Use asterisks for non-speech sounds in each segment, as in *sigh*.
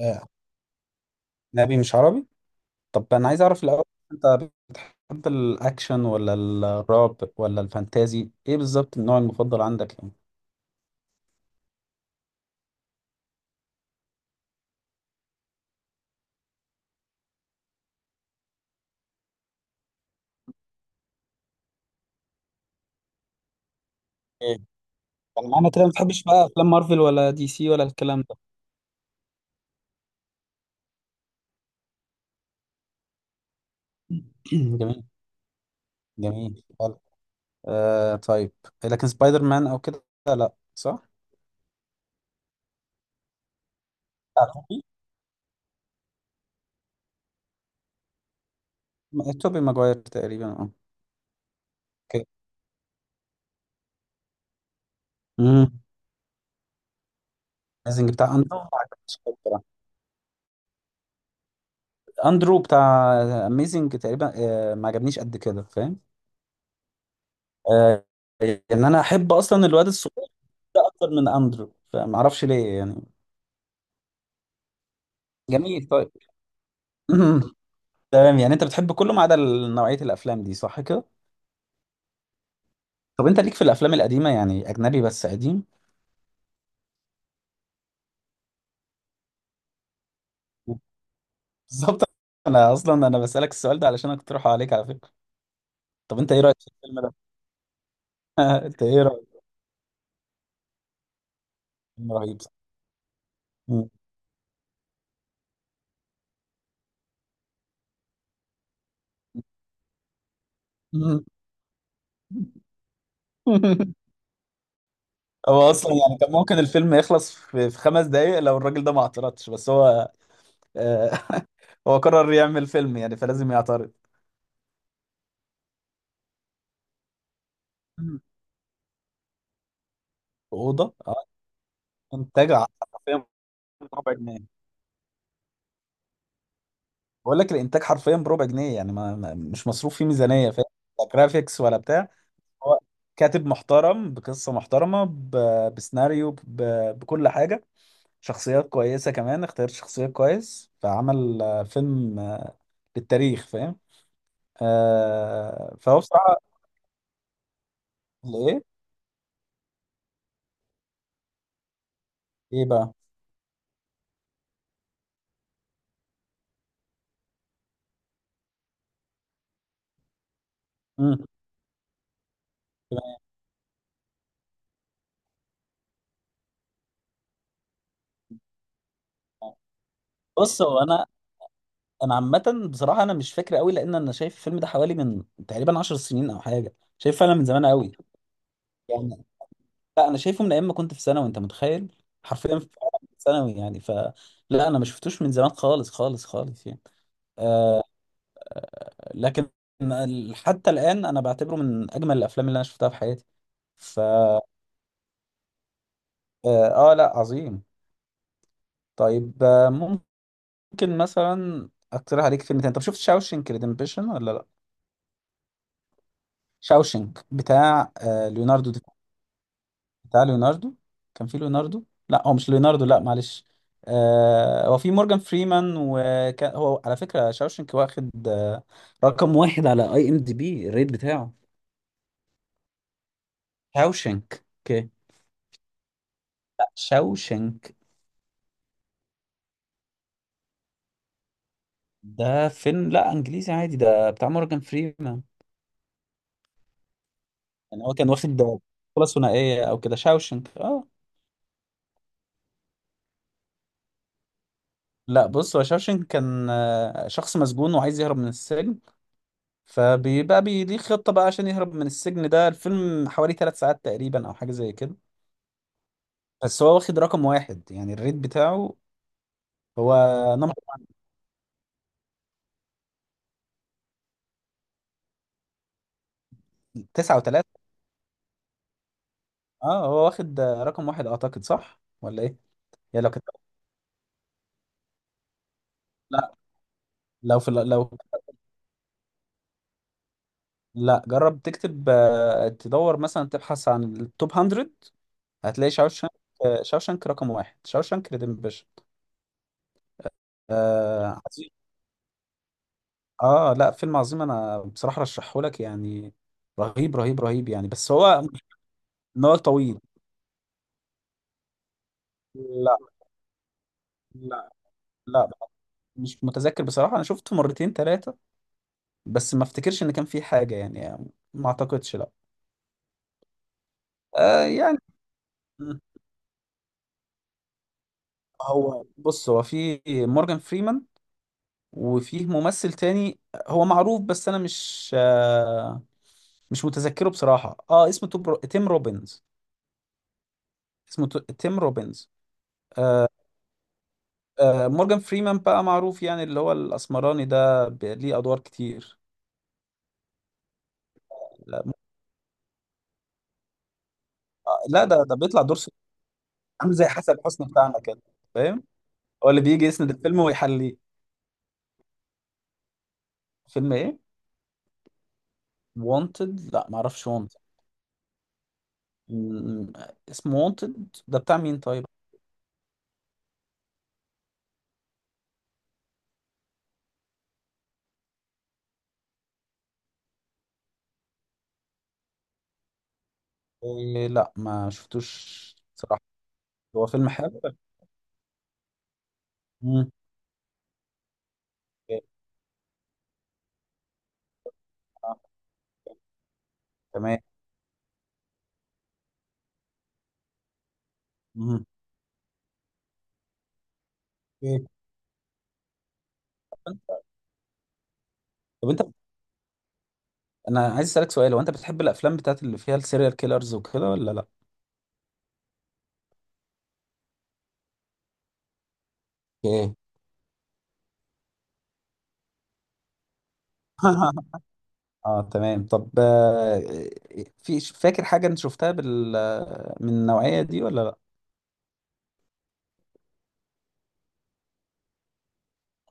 آه، أجنبي مش عربي. طب أنا عايز أعرف الأول، أنت بتحب الأكشن ولا الرعب ولا الفانتازي؟ إيه بالظبط النوع المفضل عندك يعني؟ إيه، يعني معنى كده ما بتحبش بقى افلام مارفل ولا دي سي ولا الكلام ده؟ *clears throat* جميل، جميل، حلو. آه طيب، لكن سبايدر مان أو كده، لا صح؟ بتاع توبي. توبي ماجواير تقريبا، أه. أوكي. امم. اميزنج بتاع أندرو ما عجبنيش قوي بصراحة. أندرو بتاع اميزنج تقريبا، ما عجبنيش قد كده فاهم؟ آه، انا احب اصلا الواد الصغير اكتر من اندرو، فمعرفش ليه يعني. جميل طيب. *laughs* *clears throat* تمام، يعني انت بتحب كله ما عدا نوعية الافلام دي صح كده؟ طب انت ليك في الافلام القديمة؟ يعني اجنبي بس قديم. بالظبط. *laughs* انا اصلا بسألك السؤال ده علشان اقترحه عليك على فكرة. طب انت ايه رأيك في الفيلم ده؟ *laughs* انت ايه رأيك؟ فيلم رهيب صح؟ مم. مم. *laughs* هو اصلا يعني كان ممكن الفيلم يخلص في خمس دقايق لو الراجل ده ما اعترضش، بس هو، آه، *laughs* هو قرر يعمل فيلم يعني فلازم يعترض. مم. في أوضة. انتاج حرفيا بربع جنيه. بقول لك الانتاج حرفيا بربع جنيه، يعني مش مصروف فيه ميزانيه فاهم. لا جرافيكس ولا بتاع. هو كاتب محترم بقصه محترمه، بسيناريو، بكل حاجه. شخصيات كويسه، كمان اختار شخصيات كويس، فعمل فيلم للتاريخ فاهم. فهو بصراحه. ايه. ايه بقى. مم. بص، هو انا عامه بصراحه انا مش فاكر قوي، لان انا شايف الفيلم ده حوالي من تقريبا 10 سنين او حاجه، شايف فعلا من زمان قوي يعني. لا انا شايفه من ايام ما كنت في ثانوي، انت متخيل؟ حرفيا في ثانوي يعني، ف، لا انا ما شفتوش من زمان خالص خالص خالص يعني. آه، لكن حتى الان انا بعتبره من اجمل الافلام اللي انا شفتها في حياتي. ف لا عظيم. طيب، ممكن مثلا اقترح عليك فيلم تاني، طب شفت شاوشنك ريدمبشن ولا لا؟ شاوشنك بتاع ليوناردو. بتاع ليوناردو، كان في ليوناردو. لا، هو مش ليوناردو، لا معلش. آه، هو في مورجان فريمان، وكان هو على فكرة شاوشنك واخد رقم واحد على اي ام دي بي الريت بتاعه. شاوشنك، اوكي. لا شاوشنك. ده فيلم، لا انجليزي عادي، ده بتاع مورجان فريمان. يعني هو كان واخد بطولة ثنائية او كده شاوشنك، اه. لا بص، هو شاوشنك كان شخص مسجون وعايز يهرب من السجن. فبيبقى ليه خطة بقى عشان يهرب من السجن. ده الفيلم حوالي ثلاث ساعات تقريبا أو حاجة زي كده. بس هو واخد رقم واحد يعني الريت بتاعه. هو نمبر تسعة وتلاتة. اه هو واخد رقم واحد أعتقد صح ولا إيه؟ يعني لو كنت، لا، لو في لا، جرب تكتب، تدور مثلا تبحث عن التوب 100، هتلاقي شاوشانك. شاوشانك رقم واحد، شاوشانك ريدمبشن. آه عظيم. اه لا فيلم عظيم، انا بصراحة رشحهولك يعني، رهيب رهيب رهيب يعني، بس هو نهار طويل. لا. لا. لا. مش متذكر بصراحة، أنا شفته مرتين ثلاثة، بس ما افتكرش إن كان في حاجة يعني. ما أعتقدش لا. آه يعني، هو بص، هو في مورجان فريمان، وفيه ممثل تاني هو معروف بس أنا مش متذكره بصراحة. اه اسمه توب تيم روبنز، اسمه تيم روبنز. آه. آه مورجان فريمان بقى معروف يعني، اللي هو الأسمراني ده، ليه أدوار كتير. لا آه، لا، ده بيطلع دور عامل زي حسن حسني بتاعنا كده فاهم، هو اللي بيجي يسند الفيلم ويحليه. فيلم ايه؟ وانتد، لا ما اعرفش وانتد. اسمه وانتد ده بتاع مين طيب؟ إيه لا ما شفتوش صراحة. هو فيلم حلو. مم. إيه، آه، تمام. مم. إيه. طب انت، انا عايز اسالك سؤال، هو انت بتحب الافلام بتاعت اللي فيها السيريال كيلرز وكده ولا لا؟ ايه. *laughs* اه تمام، طب آه، إيه، في فاكر حاجة انت شفتها بال من النوعية دي ولا؟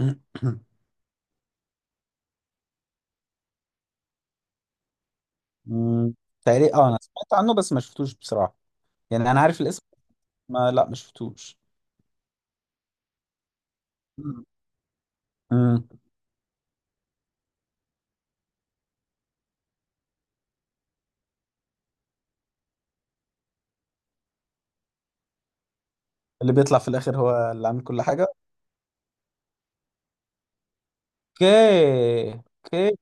لا. *clears throat* مم، تقريبا اه، انا سمعت عنه بس ما شفتوش بصراحة، يعني انا عارف الاسم. ما لا ما شفتوش. مم. مم. اللي بيطلع في الاخر هو اللي عامل كل حاجة. اوكي، اوكي.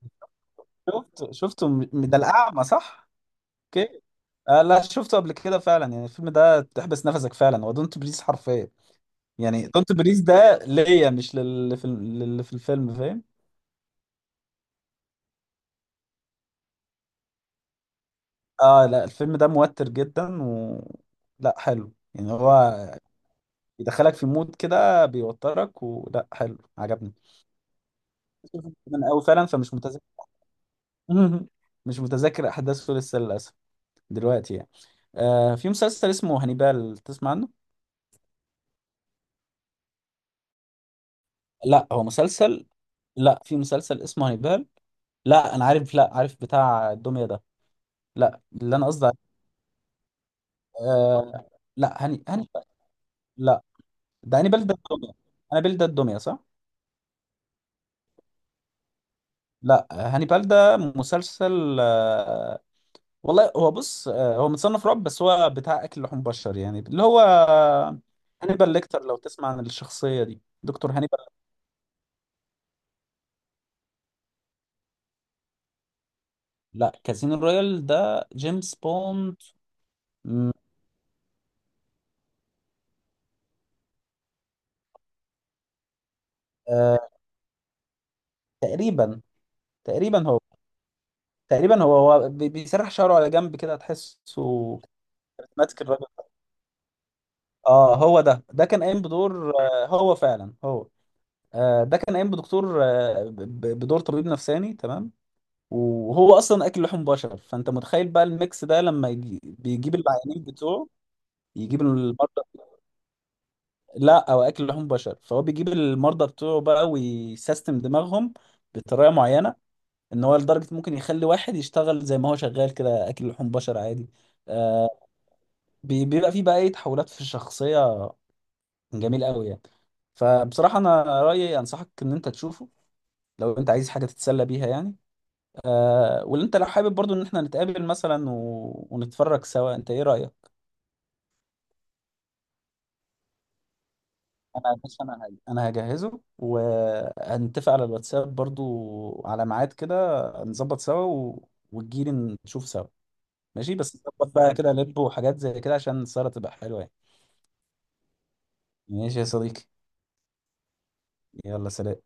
شفته، شفته، ده الاعمى صح؟ اوكي. آه لا شفته قبل كده فعلا يعني، الفيلم ده تحبس نفسك فعلا، هو دونت بريز حرفيا. يعني دونت بريز ده ليا، مش للي في للي في الفيلم فاهم. اه لا الفيلم ده موتر جدا، و لا حلو يعني، هو يدخلك في مود كده بيوترك، ولا حلو عجبني من أوي فعلا فمش متذكر. *laughs* مش متذكر أحداثه لسه للأسف دلوقتي يعني. آه، في مسلسل اسمه هانيبال، تسمع عنه؟ لا هو مسلسل. لا في مسلسل اسمه هانيبال. لا أنا عارف، لا عارف بتاع الدمية ده، لا اللي أنا قصدي عليه. آه. لا هانيبال. لا. ده هانيبال ده الدمية، هانيبال ده الدمية صح؟ لا. هانيبال ده مسلسل، والله هو بص، هو متصنف رعب، بس هو بتاع اكل لحوم بشر يعني، اللي هو هانيبال ليكتر، لو تسمع عن الشخصيه دي، دكتور هانيبال. لا كازينو رويال ده جيمس بوند. م، آه، تقريبا تقريبا هو بيسرح شعره على جنب كده تحسه ماسك الراجل. اه هو ده كان قايم بدور، آه، هو فعلا هو ده كان قايم بدكتور، بدور طبيب نفساني تمام. وهو اصلا اكل لحوم بشر، فانت متخيل بقى الميكس ده لما يجي بيجيب العيانين بتوعه، يجيب المرضى. لا او اكل لحوم بشر، فهو بيجيب المرضى بتوعه بقى ويسيستم دماغهم بطريقه معينه، ان هو لدرجه ممكن يخلي واحد يشتغل زي ما هو شغال كده اكل لحوم بشر عادي. آه، بيبقى فيه بقى ايه تحولات في الشخصيه، جميل قوي يعني. فبصراحه انا رايي انصحك ان انت تشوفه لو انت عايز حاجه تتسلى بيها يعني. آه، واللي انت لو حابب برضو ان احنا نتقابل مثلا ونتفرج سوا، انت ايه رأيك؟ انا بس، انا هجهزه، وهنتفق على الواتساب برضو على ميعاد كده، نظبط سوا وتجيلي نشوف سوا. ماشي، بس نظبط بقى كده لب وحاجات زي كده عشان السهرة تبقى حلوة يعني. ماشي يا صديقي. يلا سلام.